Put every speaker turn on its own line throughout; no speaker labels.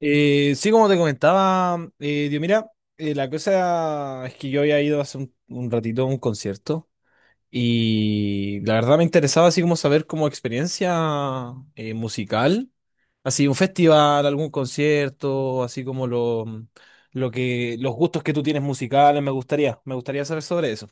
Sí, como te comentaba, Dios, mira, la cosa es que yo había ido hace un ratito a un concierto y la verdad me interesaba así como saber como experiencia musical, así un festival, algún concierto, así como los gustos que tú tienes musicales, me gustaría saber sobre eso.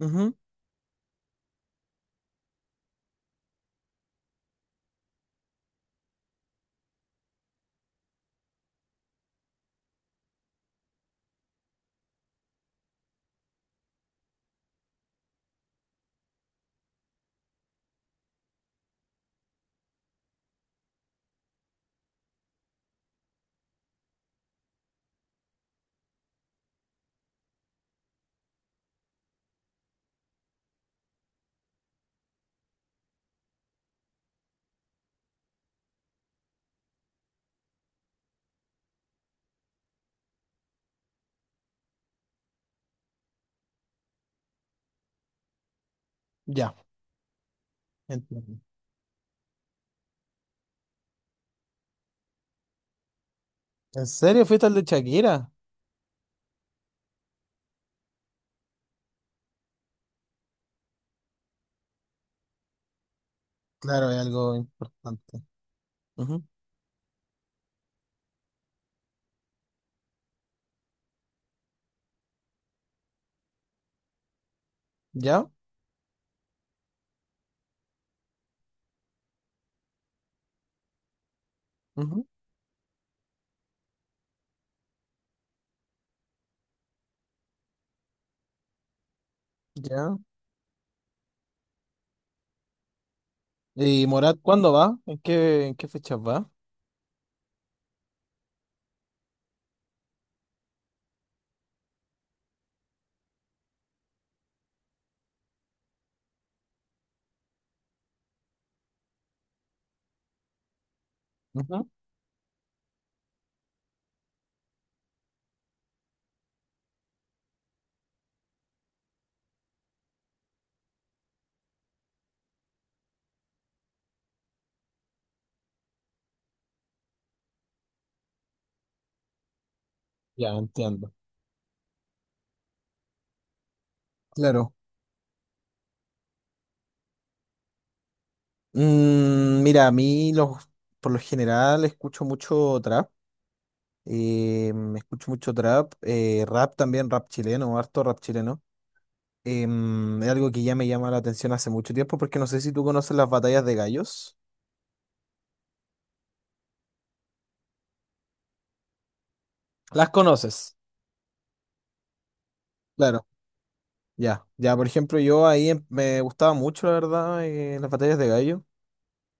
Ujú. Ya, entiendo. ¿En serio fuiste al de Shakira? Claro, es algo importante. Ujú. ¿Ya? Ujú. ¿Ya? ¿Y Morat cuándo va? ¿En qué fechas va? Ujú. Ya, entiendo. Claro. Mira, por lo general escucho mucho trap. Escucho mucho trap. Rap también, rap chileno, harto rap chileno. Es algo que ya me llama la atención hace mucho tiempo porque no sé si tú conoces las batallas de gallos. Las conoces. Claro, ya, ya, por ejemplo, yo ahí me gustaba mucho, la verdad, las batallas de gallo.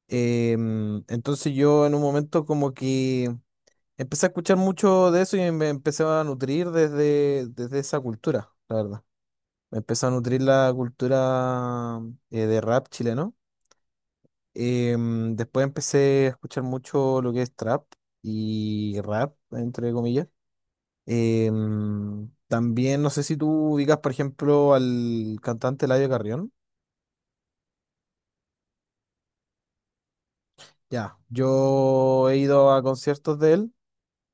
Entonces yo en un momento como que empecé a escuchar mucho de eso y me empecé a nutrir desde esa cultura, la verdad. Me empezó a nutrir la cultura de rap chileno. Después empecé a escuchar mucho lo que es trap y rap, entre comillas. También no sé si tú ubicas, por ejemplo, al cantante Eladio Carrión. Ya, yo he ido a conciertos de él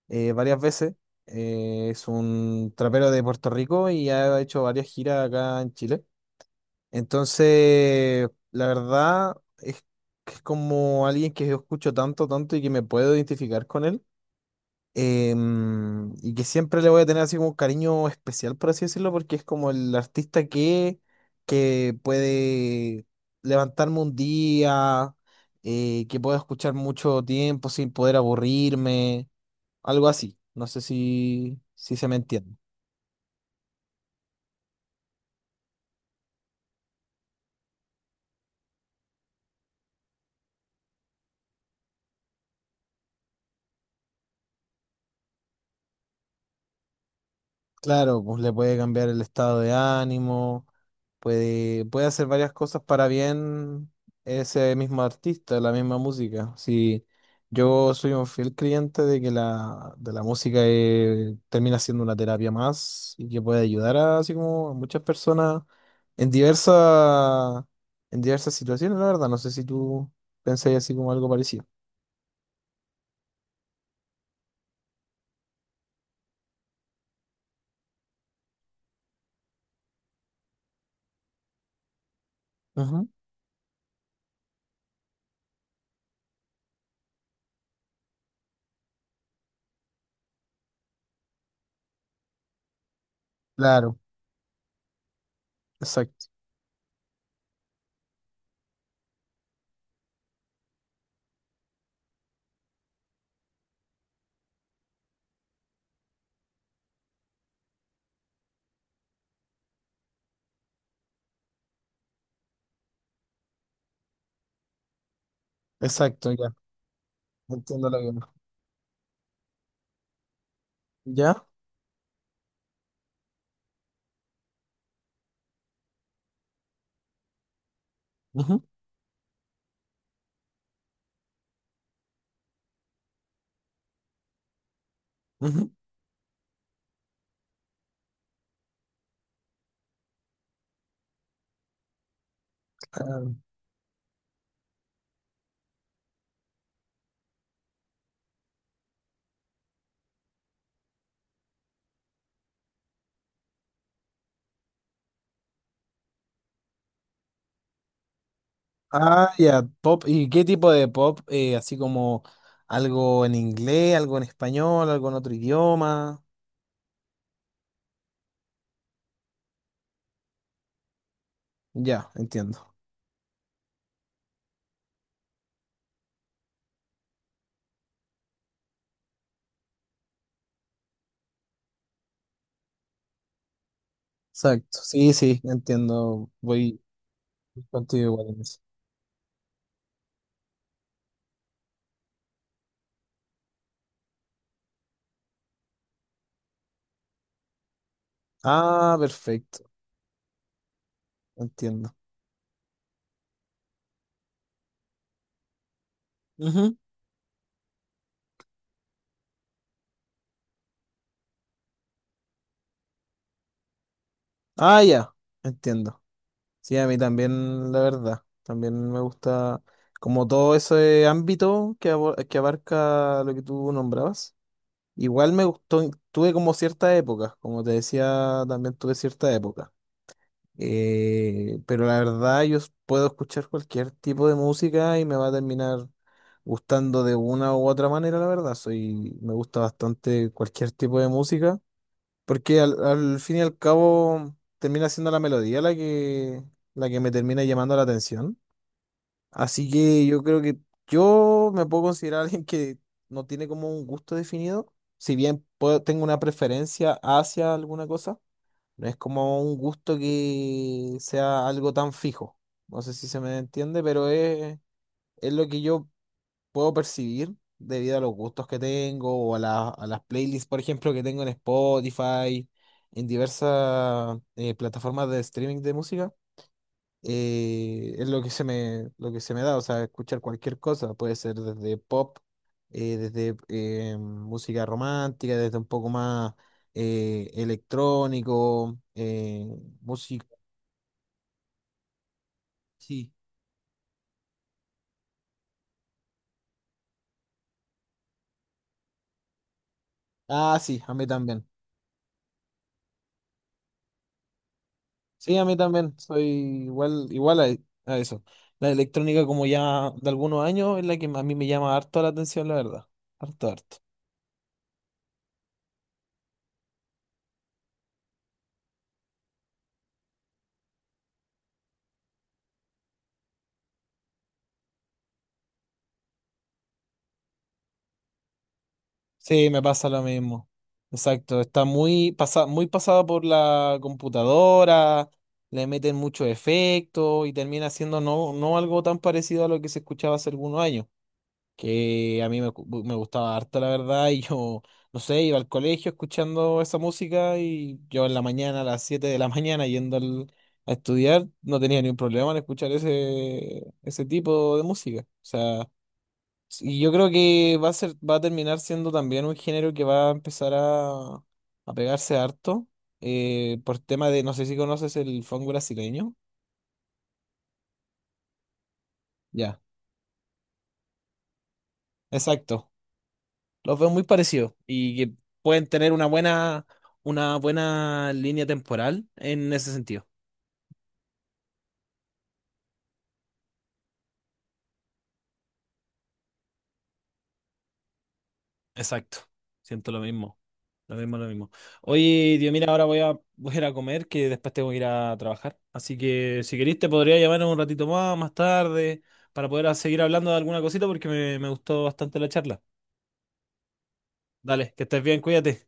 varias veces. Es un trapero de Puerto Rico y ha hecho varias giras acá en Chile. Entonces, la verdad es que es como alguien que yo escucho tanto, tanto y que me puedo identificar con él. Y que siempre le voy a tener así como un cariño especial, por así decirlo, porque es como el artista que puede levantarme un día, que puedo escuchar mucho tiempo sin poder aburrirme, algo así. No sé si, si se me entiende. Claro, pues le puede cambiar el estado de ánimo, puede hacer varias cosas para bien ese mismo artista, la misma música. Sí, yo soy un fiel creyente de la música termina siendo una terapia más y que puede ayudar a, así como a muchas personas en diversas, en diversas situaciones, la verdad. No sé si tú pensáis así como algo parecido. Ujú. Claro, exacto. Exacto, ya. Entiendo lo que... ¿Ya? Ujú, ujú. Ah, ah, ya, pop. ¿Y qué tipo de pop? Así como algo en inglés, algo en español, algo en otro idioma. Ya, entiendo. Exacto. Sí, sí, entiendo. Voy contigo igual en eso. Ah, perfecto. Entiendo. Ujú. Ah, ya, entiendo. Sí, a mí también, la verdad. También me gusta como todo ese ámbito que abarca lo que tú nombrabas. Igual me gustó, tuve como cierta época como te decía, también tuve cierta época. Pero la verdad yo puedo escuchar cualquier tipo de música y me va a terminar gustando de una u otra manera, la verdad. Me gusta bastante cualquier tipo de música, porque al fin y al cabo termina siendo la melodía la que me termina llamando la atención. Así que yo creo que yo me puedo considerar alguien que no tiene como un gusto definido, si bien tengo una preferencia hacia alguna cosa, no es como un gusto que sea algo tan fijo. No sé si se me entiende, pero es lo que yo puedo percibir debido a los gustos que tengo a las playlists, por ejemplo, que tengo en Spotify, en diversas plataformas de streaming de música, es lo que lo que se me da, o sea, escuchar cualquier cosa, puede ser desde pop, desde música romántica, desde un poco más electrónico, música. Sí. Ah, sí, a mí también. Sí, a mí también, soy igual, a eso. La electrónica como ya de algunos años es la que a mí me llama harto la atención, la verdad. Harto, harto. Sí, me pasa lo mismo. Exacto, muy pasado por la computadora, le meten mucho efecto y termina siendo no algo tan parecido a lo que se escuchaba hace algunos años, que a mí me gustaba harto, la verdad, y yo, no sé, iba al colegio escuchando esa música y yo en la mañana, a las 7 de la mañana, a estudiar, no tenía ningún problema en escuchar ese tipo de música. O sea... Y yo creo que va a ser, va a terminar siendo también un género que va a empezar a pegarse harto, por tema de, no sé si conoces el funk brasileño. Ya, exacto. Los veo muy parecidos y que pueden tener una buena línea temporal en ese sentido. Exacto, siento lo mismo. Lo mismo, lo mismo. Oye, Dios, mira, ahora voy a ir a comer, que después tengo que ir a trabajar. Así que si querés te podría llamar un ratito más tarde, para poder seguir hablando de alguna cosita, porque me gustó bastante la charla. Dale, que estés bien, cuídate.